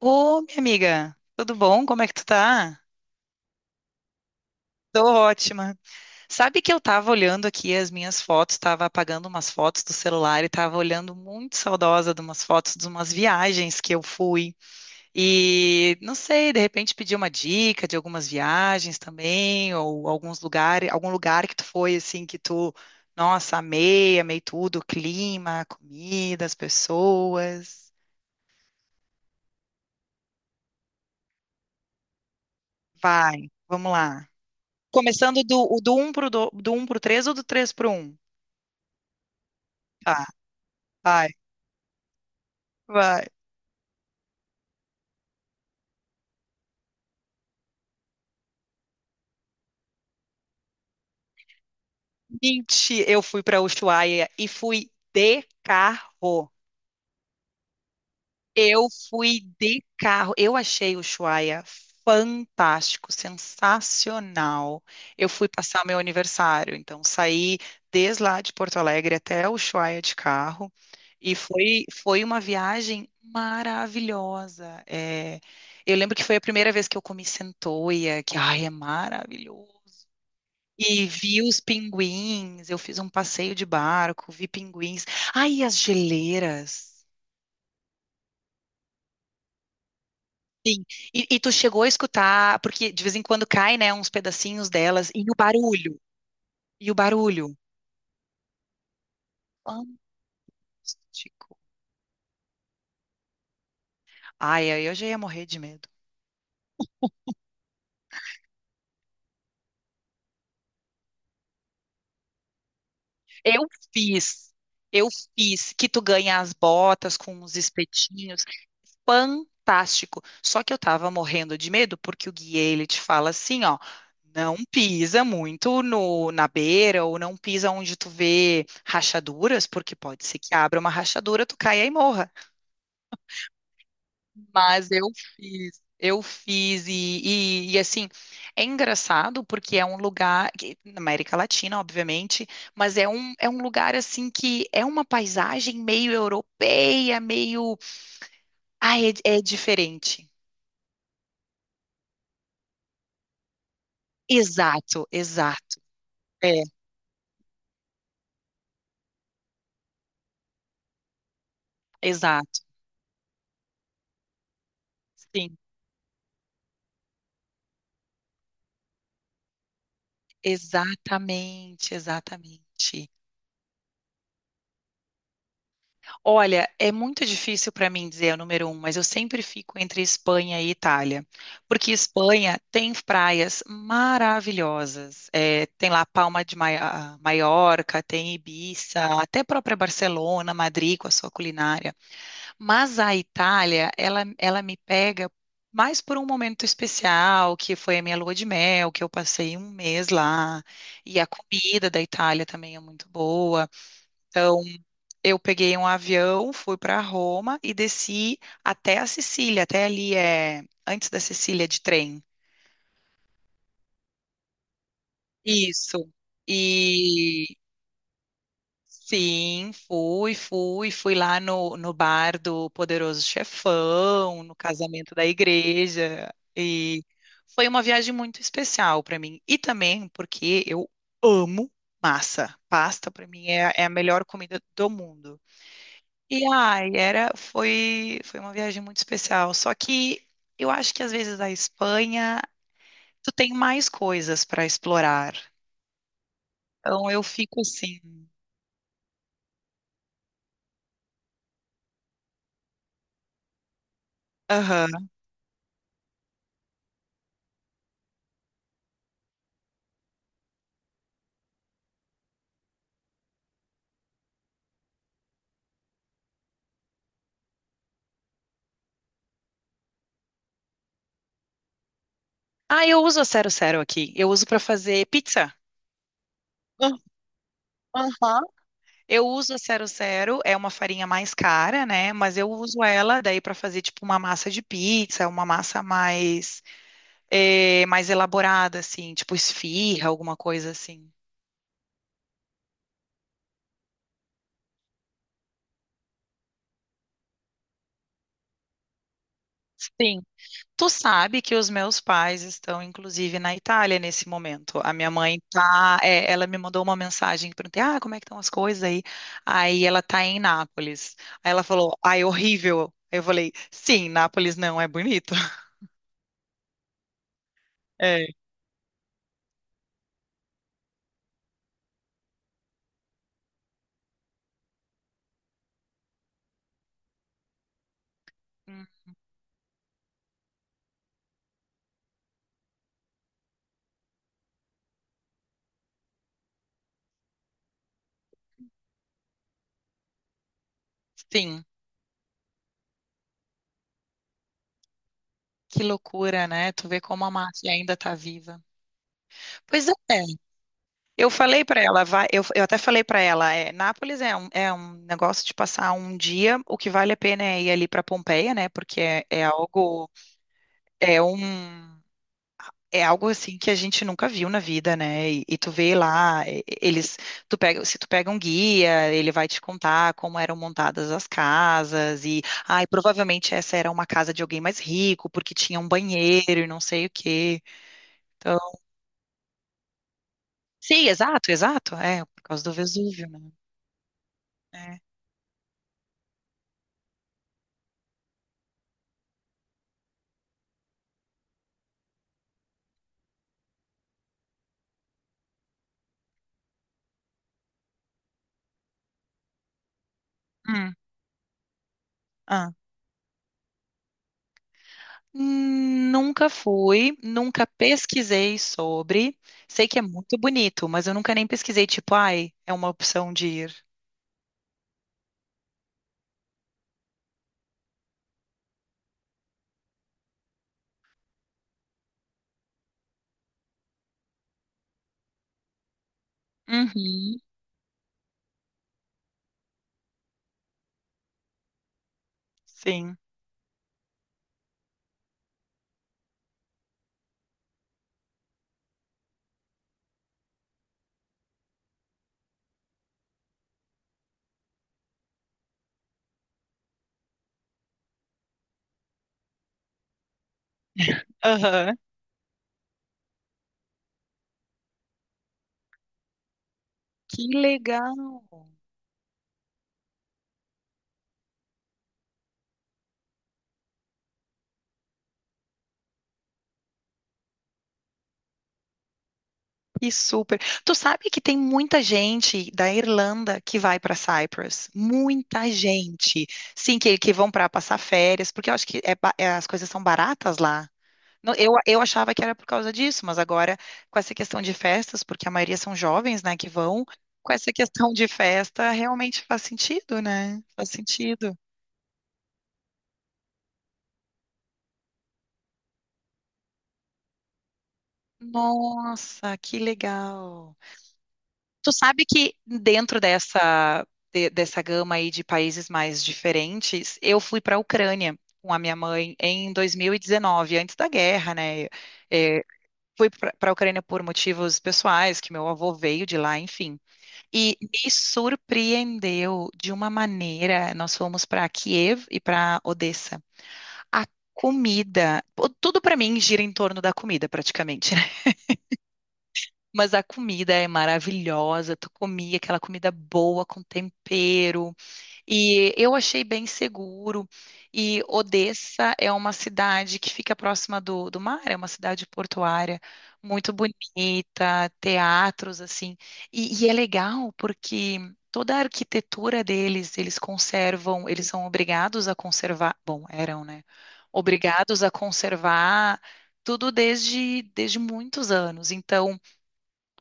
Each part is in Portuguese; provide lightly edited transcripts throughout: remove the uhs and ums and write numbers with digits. Ô, minha amiga, tudo bom? Como é que tu tá? Tô ótima. Sabe que eu tava olhando aqui as minhas fotos, tava apagando umas fotos do celular e tava olhando muito saudosa de umas fotos de umas viagens que eu fui. E não sei, de repente pedi uma dica de algumas viagens também, ou alguns lugares, algum lugar que tu foi assim que tu, nossa, amei, amei tudo, o clima, a comida, as pessoas. Vai, vamos lá. Começando do 1 pro, do 1 pro 3 ou do 3 pro um? Ah, vai, vai. Mentira, eu fui pra Ushuaia e fui de carro. Eu fui de carro. Eu achei o Ushuaia fantástico, sensacional. Eu fui passar meu aniversário, então saí desde lá de Porto Alegre até o Ushuaia de carro e foi uma viagem maravilhosa. É, eu lembro que foi a primeira vez que eu comi centoia, que ai, é maravilhoso. E vi os pinguins, eu fiz um passeio de barco, vi pinguins. Ai, e as geleiras. Sim. E tu chegou a escutar, porque de vez em quando cai, né, uns pedacinhos delas, e o barulho, e o barulho. Fantástico. Ai, ai, eu já ia morrer de medo. Eu fiz, eu fiz, que tu ganha as botas com os espetinhos. Fantástico. Só que eu tava morrendo de medo, porque o guia, ele te fala assim, ó, não pisa muito na beira, ou não pisa onde tu vê rachaduras, porque pode ser que abra uma rachadura, tu caia e morra. Mas eu fiz e, assim, é engraçado porque é um lugar, na América Latina, obviamente, mas é um lugar assim que é uma paisagem meio europeia, meio, ah, é diferente. Exato, exato, é, exato, sim, exatamente, exatamente. Olha, é muito difícil para mim dizer o número um, mas eu sempre fico entre Espanha e Itália, porque Espanha tem praias maravilhosas. É, tem lá Palma de Maiorca, tem Ibiza, até própria Barcelona, Madrid com a sua culinária. Mas a Itália, ela me pega mais por um momento especial, que foi a minha lua de mel, que eu passei um mês lá, e a comida da Itália também é muito boa. Então, eu peguei um avião, fui para Roma e desci até a Sicília, até ali é antes da Sicília de trem. Isso. E sim, fui lá no bar do Poderoso Chefão, no casamento da igreja. E foi uma viagem muito especial para mim. E também porque eu amo massa. Pasta para mim é a melhor comida do mundo. E ai, foi uma viagem muito especial. Só que eu acho que às vezes a Espanha, tu tem mais coisas para explorar. Então eu fico assim. Aham. Ah, eu uso a Cero Cero aqui. Eu uso para fazer pizza. Ah. Aham. Eu uso a Cero Cero, é uma farinha mais cara, né? Mas eu uso ela daí para fazer tipo uma massa de pizza, uma massa mais mais elaborada assim, tipo esfirra, alguma coisa assim. Sim. Tu sabe que os meus pais estão, inclusive, na Itália nesse momento. A minha mãe tá, é, ela me mandou uma mensagem, perguntei, ah, como é que estão as coisas aí? Aí ela tá em Nápoles. Aí ela falou, ai, horrível. Aí eu falei, sim, Nápoles não é bonito. É. Hum. Sim, que loucura, né? Tu vê como a Márcia ainda tá viva. Pois é. Eu falei pra ela, vai, eu até falei pra ela, é, Nápoles é um, negócio de passar um dia, o que vale a pena é ir ali pra Pompeia, né? Porque é algo. É um É algo assim que a gente nunca viu na vida, né? E tu vê lá, eles, se tu pega um guia, ele vai te contar como eram montadas as casas e, ai, provavelmente essa era uma casa de alguém mais rico porque tinha um banheiro e não sei o quê. Então, sim, exato, exato, é por causa do Vesúvio, né? É. Hum. Ah. Hum. Nunca fui, nunca pesquisei sobre. Sei que é muito bonito, mas eu nunca nem pesquisei, tipo, ai, é uma opção de ir. Uhum. Sim. Aham. Que legal. E super. Tu sabe que tem muita gente da Irlanda que vai para Cyprus. Muita gente. Sim, que vão para passar férias, porque eu acho que as coisas são baratas lá. Não, eu achava que era por causa disso, mas agora, com essa questão de festas, porque a maioria são jovens, né, que vão, com essa questão de festa, realmente faz sentido, né? Faz sentido. Nossa, que legal. Tu sabe que dentro dessa, dessa gama aí de países mais diferentes, eu fui para a Ucrânia com a minha mãe em 2019, antes da guerra, né? É, fui para a Ucrânia por motivos pessoais, que meu avô veio de lá, enfim. E me surpreendeu de uma maneira. Nós fomos para Kiev e para Odessa. A comida, pô, tudo para mim gira em torno da comida, praticamente. Mas a comida é maravilhosa, tu comia aquela comida boa com tempero, e eu achei bem seguro. E Odessa é uma cidade que fica próxima do mar, é uma cidade portuária muito bonita, teatros assim. E é legal porque toda a arquitetura deles, eles conservam, eles são obrigados a conservar, bom, eram, né? Obrigados a conservar tudo desde muitos anos. Então,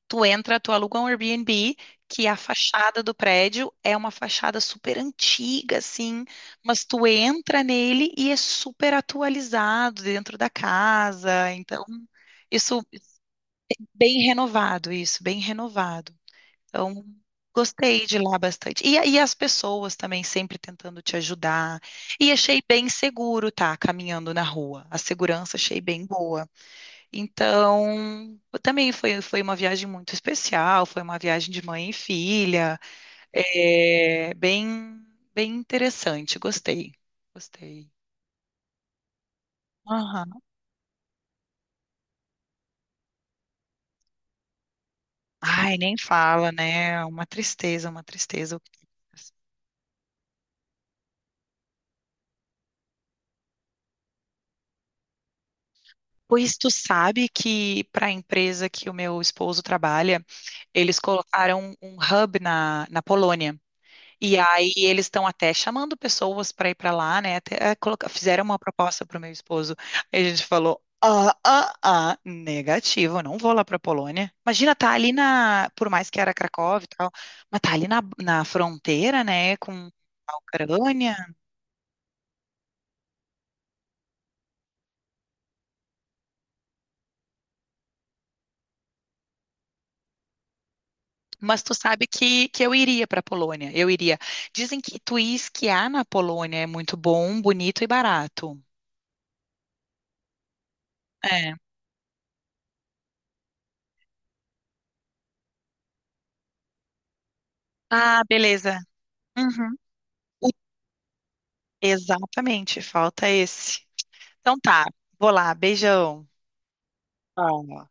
tu entra, tu aluga um Airbnb, que a fachada do prédio é uma fachada super antiga, assim, mas tu entra nele e é super atualizado dentro da casa. Então, isso bem renovado, isso, bem renovado. Então, gostei de lá bastante. E as pessoas também sempre tentando te ajudar. E achei bem seguro, tá, caminhando na rua. A segurança achei bem boa. Então, também foi uma viagem muito especial, foi uma viagem de mãe e filha, é, bem interessante, gostei, gostei. Aham. Ai, nem fala, né? Uma tristeza, uma tristeza. Pois tu sabe que para a empresa que o meu esposo trabalha, eles colocaram um hub na Polônia. E aí eles estão até chamando pessoas para ir para lá, né? Até fizeram uma proposta para o meu esposo. Aí a gente falou: ah, ah, ah, negativo, eu não vou lá para Polônia. Imagina, tá ali na, por mais que era Cracóvia e tal, mas tá ali na fronteira, né, com a Ucrânia. Mas tu sabe que eu iria para Polônia. Eu iria. Dizem que tu ir esquiar na Polônia é muito bom, bonito e barato. É. Ah, beleza. Uhum. O- Exatamente, falta esse. Então tá, vou lá, beijão. Tchau.